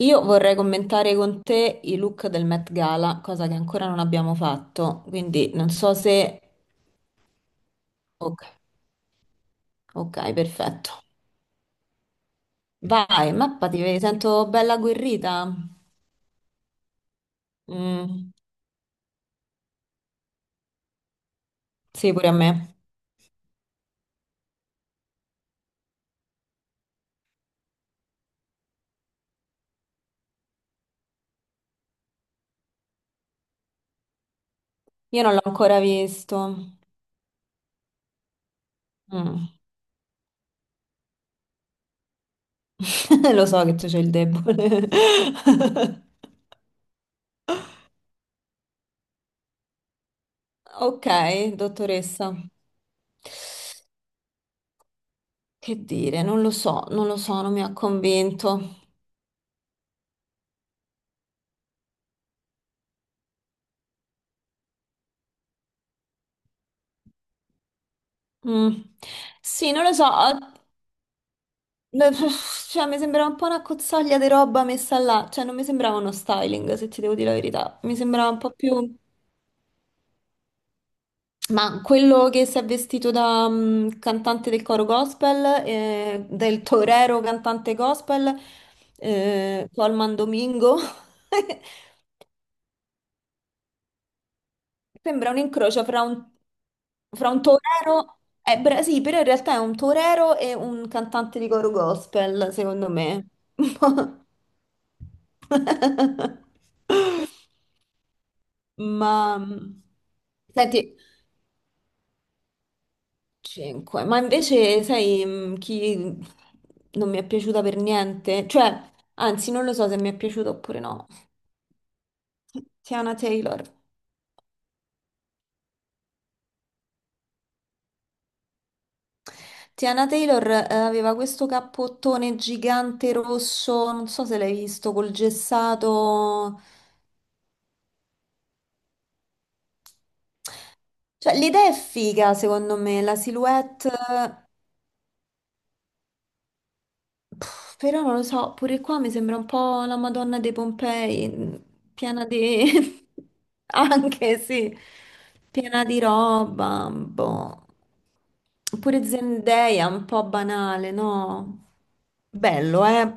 Io vorrei commentare con te i look del Met Gala, cosa che ancora non abbiamo fatto, quindi non so se... Ok, ok, perfetto. Vai, mappati, ti sento bella agguerrita. Mm, sì, pure a me. Io non l'ho ancora visto. Mm. Lo so che tu c'hai il debole. Ok, dottoressa. Che dire, non lo so, non lo so, non mi ha convinto. Mm. Sì, non lo so. No, cioè, mi sembrava un po' una cozzaglia di roba messa là, cioè non mi sembrava uno styling, se ti devo dire la verità. Mi sembrava un po' più... Ma quello che si è vestito da cantante del coro gospel, del torero cantante gospel, Colman Domingo, sembra un incrocio fra un torero... bra- sì, però in realtà è un torero e un cantante di coro gospel, secondo me. Ma senti, 5. Ma invece sai chi non mi è piaciuta per niente? Cioè, anzi, non lo so se mi è piaciuta oppure no. Tiana Taylor. Tiana Taylor aveva questo cappottone gigante rosso, non so se l'hai visto, col gessato. Cioè, l'idea è figa, secondo me, la silhouette. Pff, però non lo so, pure qua mi sembra un po' la Madonna dei Pompei, piena di... anche sì, piena di roba, boh. Pure Zendaya, un po' banale, no? Bello, eh?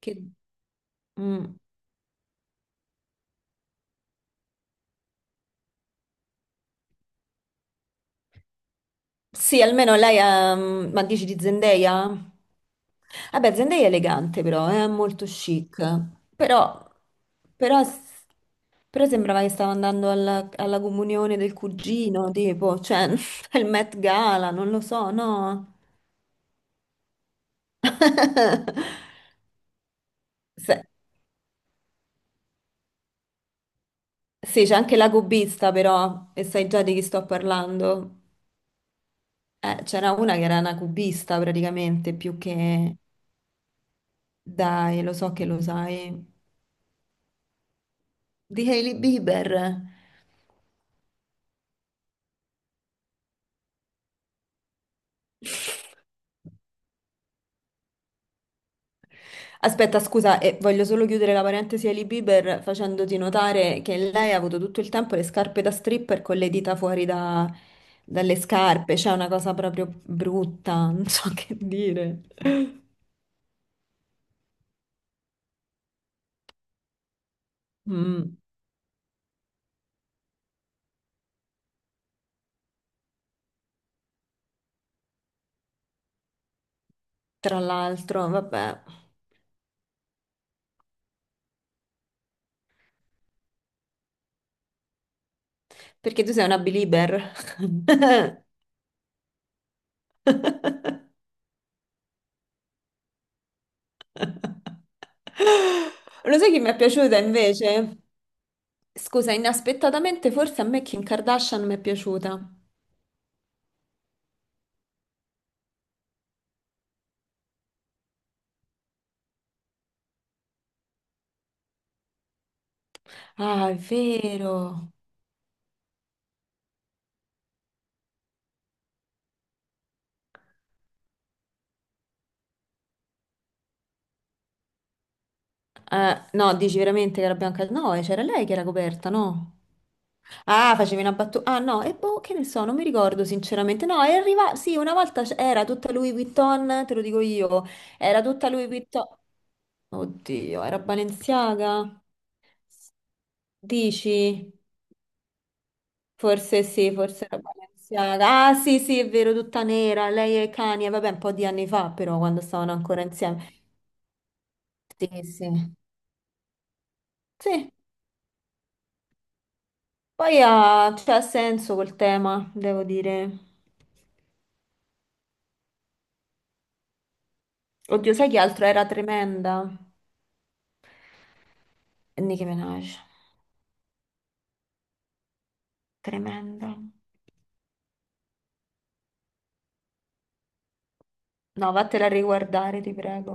Che... mm. Sì, almeno lei ha... mm, ma dici di Zendaya? Vabbè, Zendaya è elegante però, è molto chic. Però, però, però sembrava che stava andando alla, alla comunione del cugino, tipo, cioè, il Met Gala, non lo so, no? Se- sì, c'è anche la cubista però, e sai già di chi sto parlando. C'era una che era una cubista praticamente, più che... Dai, lo so che lo sai. Di Hailey Bieber. Aspetta, scusa, e voglio solo chiudere la parentesi Hailey Bieber facendoti notare che lei ha avuto tutto il tempo le scarpe da stripper con le dita fuori da- dalle scarpe, c'è una cosa proprio brutta, non so che dire. Mm, tra l'altro, vabbè, perché tu sei una belieber. Lo sai chi mi è piaciuta invece? Scusa, inaspettatamente forse a me Kim Kardashian mi è piaciuta. Ah, è vero. No, dici veramente che era bianca? No, c'era lei che era coperta, no? Ah, facevi una battuta. Ah, no, e boh, che ne so, non mi ricordo sinceramente. No, è arrivata. Sì, una volta c- era tutta Louis Vuitton, te lo dico io. Era tutta Louis Vuitton. Oddio, era Balenciaga? Dici? Forse sì, forse era Balenciaga. Ah, sì, sì, è vero, tutta nera. Lei e Kanye, vabbè, un po' di anni fa, però, quando stavano ancora insieme. Sì, sì. Sì, poi ha, cioè, ha senso quel tema, devo dire. Oddio, sai che altro era tremenda? Nicki Minaj. Tremenda. No, vattela a riguardare, ti prego.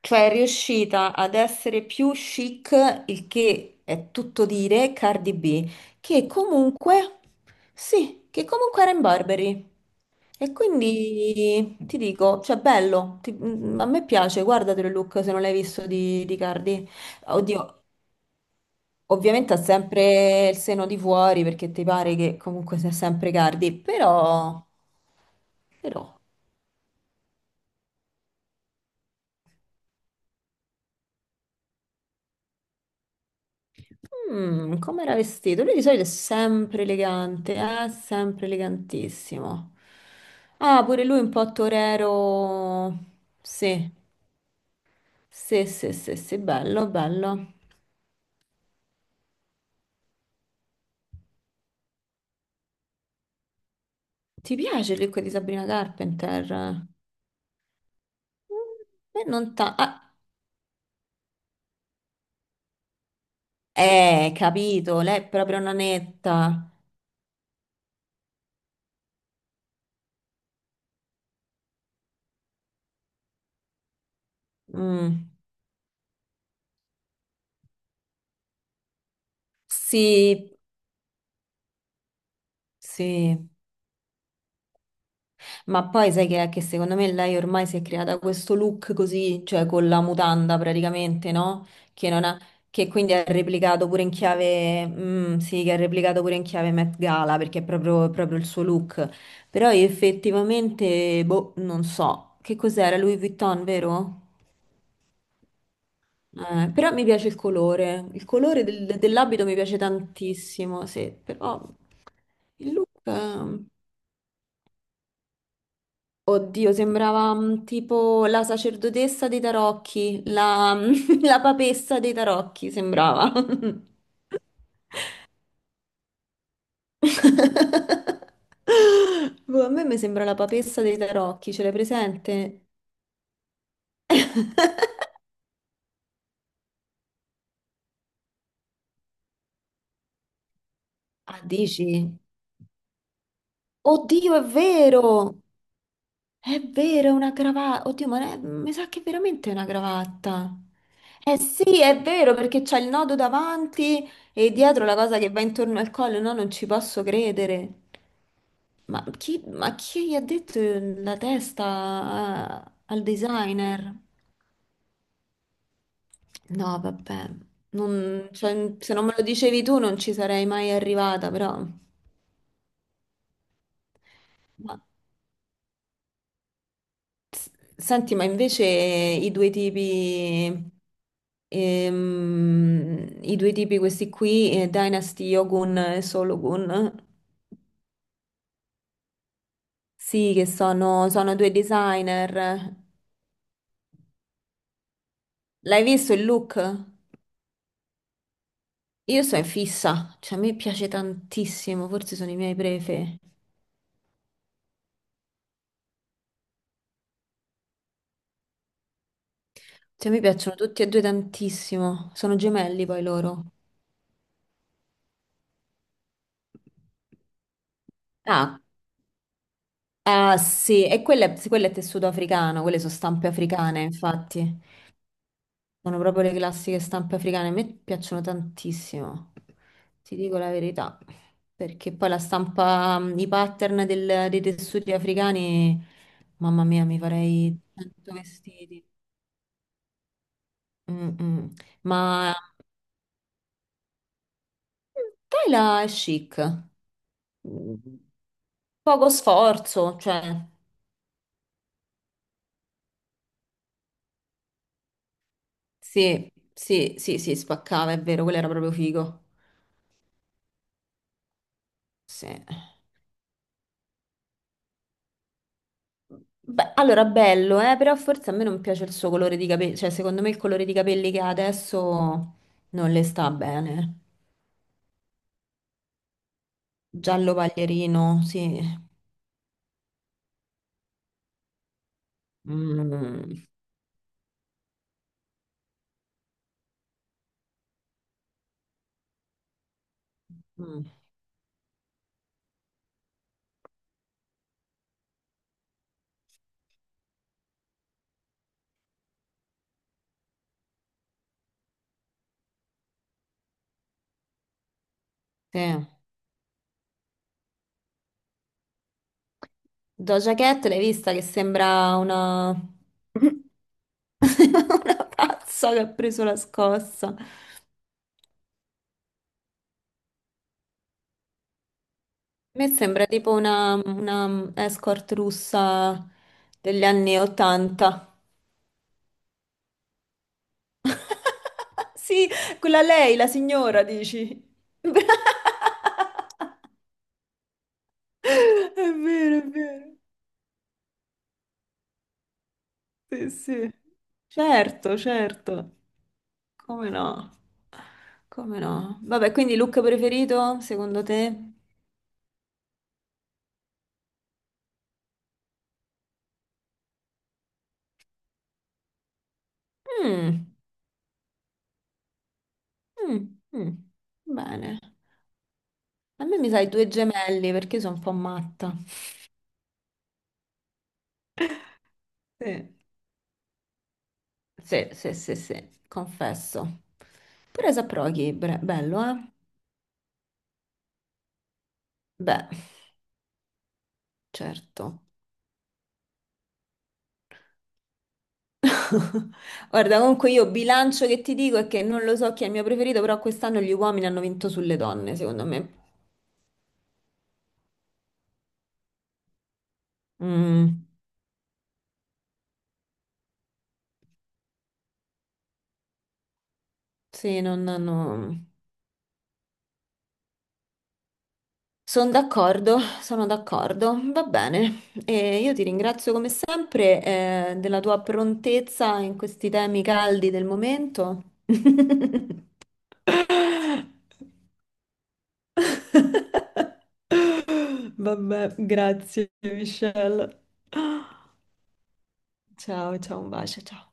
Cioè, è riuscita ad essere più chic, il che è tutto dire, Cardi B, che comunque, sì, che comunque era in Burberry. E quindi ti dico, cioè bello, ti- a me piace, guardatelo il look se non l'hai visto di Cardi. Oddio, ovviamente ha sempre il seno di fuori perché ti pare che comunque sia sempre Cardi, però, però, mm, come era vestito? Lui di solito è sempre elegante, eh? Sempre elegantissimo. Ah, pure lui un po' torero, sì, sì, sì, sì, sì, bello, bello. Ti piace il look di Sabrina Carpenter? Mm, beh, non ta... Ah, capito, lei è proprio una netta. Mm. Sì, sì, ma poi sai che è che secondo me lei ormai si è creata questo look così, cioè con la mutanda praticamente, no? Che, non ha, che quindi ha replicato pure in chiave, sì, che ha replicato pure in chiave Met Gala perché è proprio il suo look. Però io effettivamente, boh, non so, che cos'era Louis Vuitton, vero? Però mi piace il colore del- dell'abito mi piace tantissimo, sì, però il look... oddio, sembrava tipo la sacerdotessa dei tarocchi, la, la papessa dei tarocchi, sembrava. Boh, a me mi sembra la papessa dei tarocchi, ce l'hai presente? Ah, dici? Oddio, è vero! È vero, è una cravatta. Oddio, ma è- mi sa che veramente è una cravatta. Eh sì, è vero, perché c'è il nodo davanti e dietro la cosa che va intorno al collo. No, non ci posso credere. Ma chi gli ha detto la testa a- al designer? No, vabbè. Non- cioè, se non me lo dicevi tu non ci sarei mai arrivata, però... Ma, s- senti, ma invece i due tipi questi qui, Dynasty Yogun e Sologun, sì, che sono, sono due designer. L'hai visto il look? Io sono in fissa, cioè a me piace tantissimo, forse sono i miei prefe. Cioè, mi piacciono tutti e due tantissimo, sono gemelli poi loro. Ah, ah, sì, e quello è tessuto africano, quelle sono stampe africane, infatti. Sono proprio le classiche stampe africane, a me piacciono tantissimo, ti dico la verità, perché poi la stampa, i pattern del- dei tessuti africani, mamma mia, mi farei 100 vestiti. Mm, mm. Ma tela è chic. Mm, poco sforzo, cioè, sì, sì, sì, sì, spaccava, è vero, quello era proprio figo. Sì. Beh, allora, bello, però forse a me non piace il suo colore di capelli, cioè secondo me il colore di capelli che ha adesso non le sta bene. Giallo paglierino, sì. Mm, mm, sì. Doja Cat, l'hai vista che sembra una... una pazza che ha preso la scossa. A me sembra tipo una escort russa degli anni 80. Sì, quella lei, la signora, dici. È vero, è vero. Sì, sì. Certo, certo. Come no? Come no? Vabbè, quindi look preferito, secondo te? Mm, mm, mm. Bene. A me mi sai due gemelli perché io sono un po' matta. Sì, sì, sì, sì, sì, confesso. Però Saproghi, bre- bello, eh? Beh, certo. Guarda, comunque io bilancio che ti dico è che non lo so chi è il mio preferito, però quest'anno gli uomini hanno vinto sulle donne, secondo me. Mm, sì, non hanno... Sono d'accordo, sono d'accordo. Va bene. E io ti ringrazio come sempre, della tua prontezza in questi temi caldi del momento. Vabbè, grazie, Michelle. Ciao, ciao, un bacio, ciao.